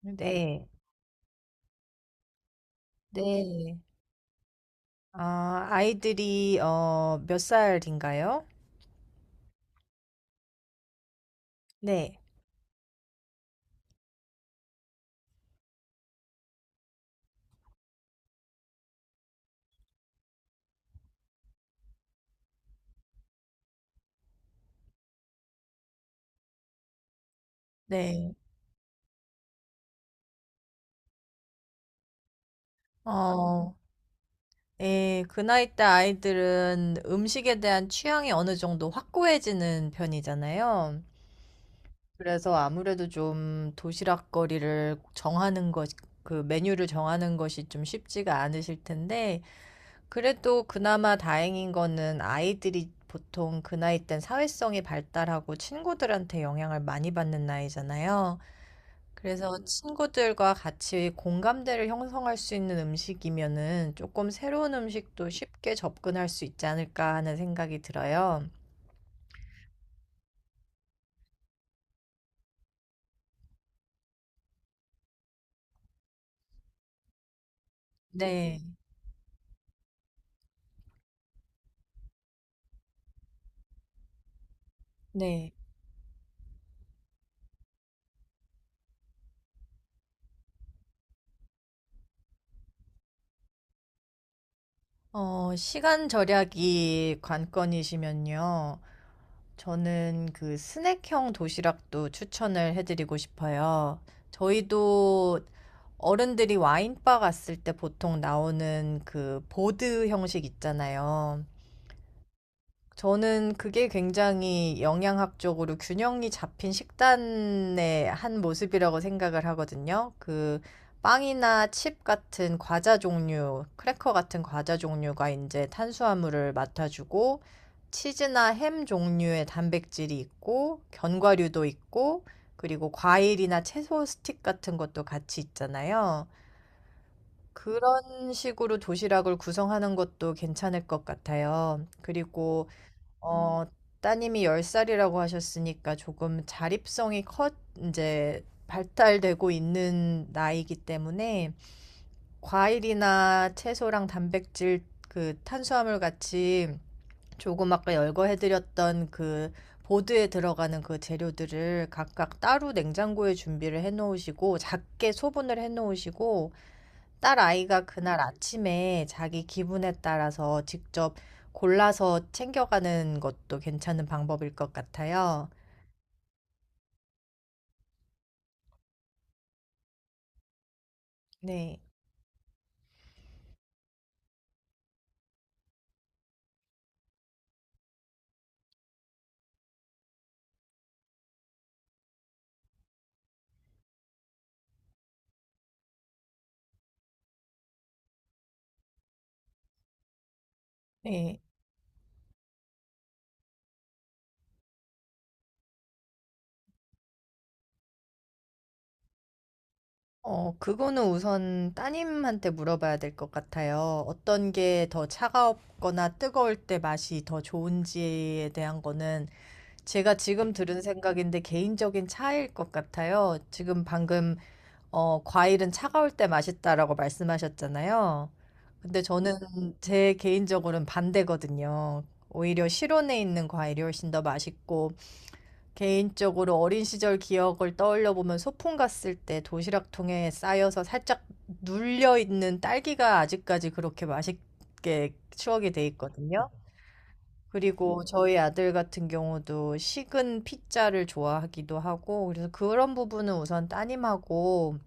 네, 네. 아이들이, 몇 살인가요? 네, 네. 어, 예, 그 나이 때 아이들은 음식에 대한 취향이 어느 정도 확고해지는 편이잖아요. 그래서 아무래도 좀 도시락거리를 정하는 것, 그 메뉴를 정하는 것이 좀 쉽지가 않으실 텐데, 그래도 그나마 다행인 거는 아이들이 보통 그 나이 땐 사회성이 발달하고 친구들한테 영향을 많이 받는 나이잖아요. 그래서 친구들과 같이 공감대를 형성할 수 있는 음식이면은 조금 새로운 음식도 쉽게 접근할 수 있지 않을까 하는 생각이 들어요. 네, 네. 시간 절약이 관건이시면요. 저는 그 스낵형 도시락도 추천을 해드리고 싶어요. 저희도 어른들이 와인바 갔을 때 보통 나오는 그 보드 형식 있잖아요. 저는 그게 굉장히 영양학적으로 균형이 잡힌 식단의 한 모습이라고 생각을 하거든요. 그 빵이나 칩 같은 과자 종류, 크래커 같은 과자 종류가 이제 탄수화물을 맡아주고, 치즈나 햄 종류의 단백질이 있고, 견과류도 있고, 그리고 과일이나 채소 스틱 같은 것도 같이 있잖아요. 그런 식으로 도시락을 구성하는 것도 괜찮을 것 같아요. 그리고 어, 따님이 10살이라고 하셨으니까 조금 자립성이 커 이제 발달되고 있는 나이이기 때문에 과일이나 채소랑 단백질 그 탄수화물 같이 조금 아까 열거해드렸던 그 보드에 들어가는 그 재료들을 각각 따로 냉장고에 준비를 해놓으시고 작게 소분을 해놓으시고 딸 아이가 그날 아침에 자기 기분에 따라서 직접 골라서 챙겨가는 것도 괜찮은 방법일 것 같아요. 네. 네. 그거는 우선 따님한테 물어봐야 될 것 같아요. 어떤 게 더 차가웠거나 뜨거울 때 맛이 더 좋은지에 대한 거는 제가 지금 들은 생각인데 개인적인 차이일 것 같아요. 지금 방금 과일은 차가울 때 맛있다라고 말씀하셨잖아요. 근데 저는 제 개인적으로는 반대거든요. 오히려 실온에 있는 과일이 훨씬 더 맛있고, 개인적으로 어린 시절 기억을 떠올려 보면 소풍 갔을 때 도시락통에 쌓여서 살짝 눌려 있는 딸기가 아직까지 그렇게 맛있게 추억이 돼 있거든요. 그리고 저희 아들 같은 경우도 식은 피자를 좋아하기도 하고, 그래서 그런 부분은 우선 따님하고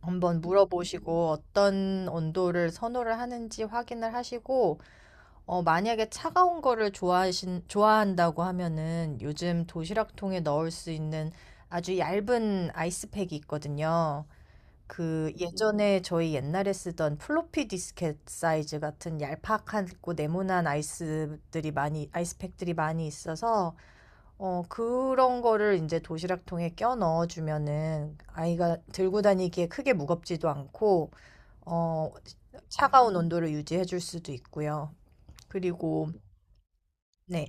한번 물어보시고 어떤 온도를 선호를 하는지 확인을 하시고, 만약에 차가운 거를 좋아한다고 하면은 요즘 도시락통에 넣을 수 있는 아주 얇은 아이스팩이 있거든요. 그 예전에 저희 옛날에 쓰던 플로피 디스켓 사이즈 같은 얄팍하고 네모난 아이스들이 많이 아이스팩들이 많이 있어서 그런 거를 이제 도시락통에 껴 넣어주면은 아이가 들고 다니기에 크게 무겁지도 않고 어 차가운 온도를 유지해 줄 수도 있고요. 그리고 네.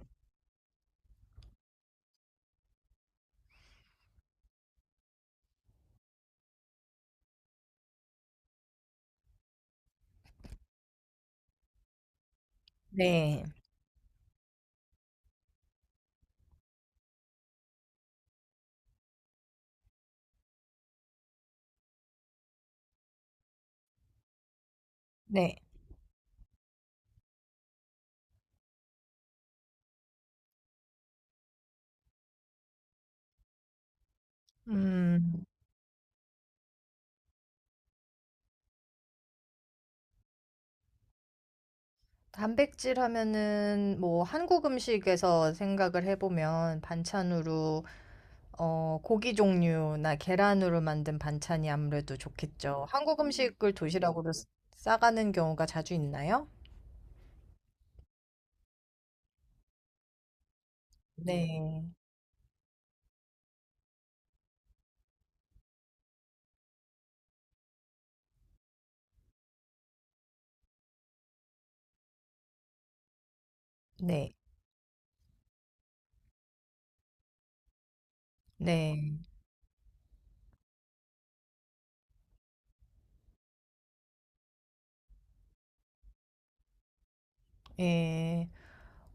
네. 네. 음. 단백질 하면은 뭐 한국 음식에서 생각을 해보면 반찬으로 고기 종류나 계란으로 만든 반찬이 아무래도 좋겠죠. 한국 음식을 싸가는 경우가 자주 있나요? 네. 네. 네. 예.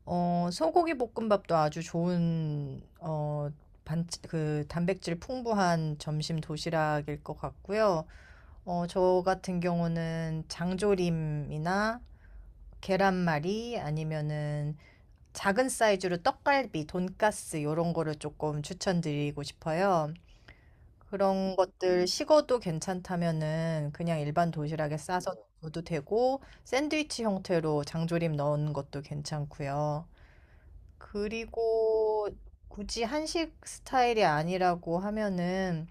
소고기 볶음밥도 아주 좋은 그 단백질 풍부한 점심 도시락일 것 같고요. 저 같은 경우는 장조림이나 계란말이 아니면은 작은 사이즈로 떡갈비, 돈가스 요런 거를 조금 추천드리고 싶어요. 그런 것들 식어도 괜찮다면은 그냥 일반 도시락에 싸서 넣어도 되고 샌드위치 형태로 장조림 넣은 것도 괜찮고요. 그리고 굳이 한식 스타일이 아니라고 하면은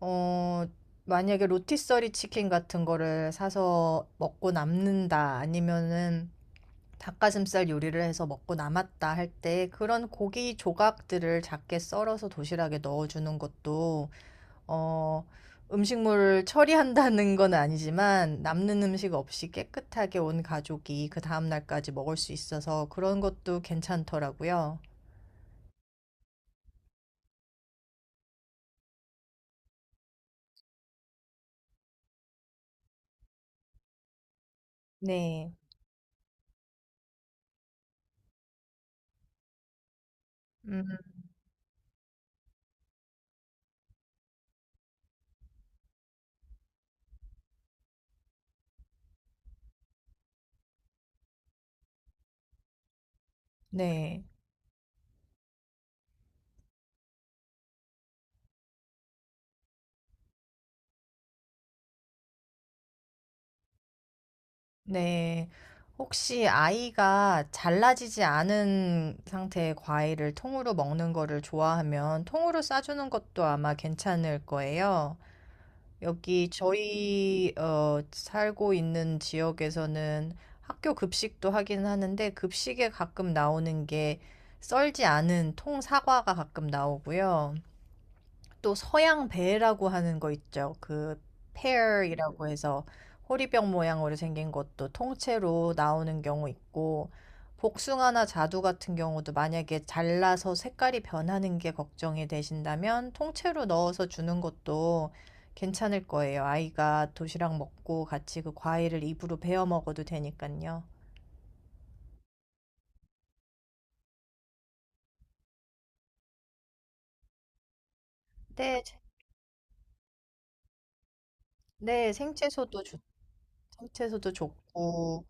어 만약에 로티서리 치킨 같은 거를 사서 먹고 남는다 아니면은 닭가슴살 요리를 해서 먹고 남았다 할 때 그런 고기 조각들을 작게 썰어서 도시락에 넣어주는 것도 어, 음식물을 처리한다는 건 아니지만 남는 음식 없이 깨끗하게 온 가족이 그 다음 날까지 먹을 수 있어서 그런 것도 괜찮더라고요. 네. 음, 네. 네. 혹시 아이가 잘라지지 않은 상태의 과일을 통으로 먹는 거를 좋아하면 통으로 싸주는 것도 아마 괜찮을 거예요. 여기 저희 살고 있는 지역에서는 학교 급식도 하긴 하는데 급식에 가끔 나오는 게 썰지 않은 통 사과가 가끔 나오고요. 또 서양 배라고 하는 거 있죠. 그 페어이라고 해서 호리병 모양으로 생긴 것도 통째로 나오는 경우 있고 복숭아나 자두 같은 경우도 만약에 잘라서 색깔이 변하는 게 걱정이 되신다면 통째로 넣어서 주는 것도 괜찮을 거예요. 아이가 도시락 먹고 같이 그 과일을 입으로 베어 먹어도 되니까요. 네, 제- 네, 생채소도 좋, 생채소도 좋고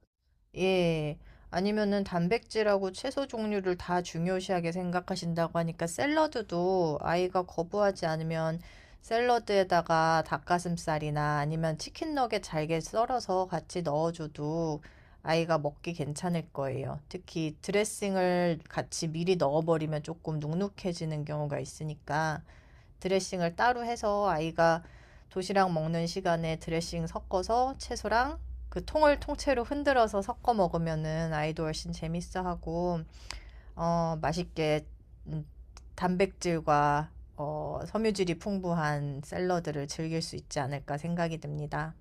예. 아니면은 단백질하고 채소 종류를 다 중요시하게 생각하신다고 하니까 샐러드도 아이가 거부하지 않으면 샐러드에다가 닭가슴살이나 아니면 치킨 너겟 잘게 썰어서 같이 넣어줘도 아이가 먹기 괜찮을 거예요. 특히 드레싱을 같이 미리 넣어버리면 조금 눅눅해지는 경우가 있으니까 드레싱을 따로 해서 아이가 도시락 먹는 시간에 드레싱 섞어서 채소랑 그 통을 통째로 흔들어서 섞어 먹으면은 아이도 훨씬 재밌어 하고 맛있게 음, 단백질과 섬유질이 풍부한 샐러드를 즐길 수 있지 않을까 생각이 듭니다.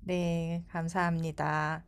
네, 감사합니다.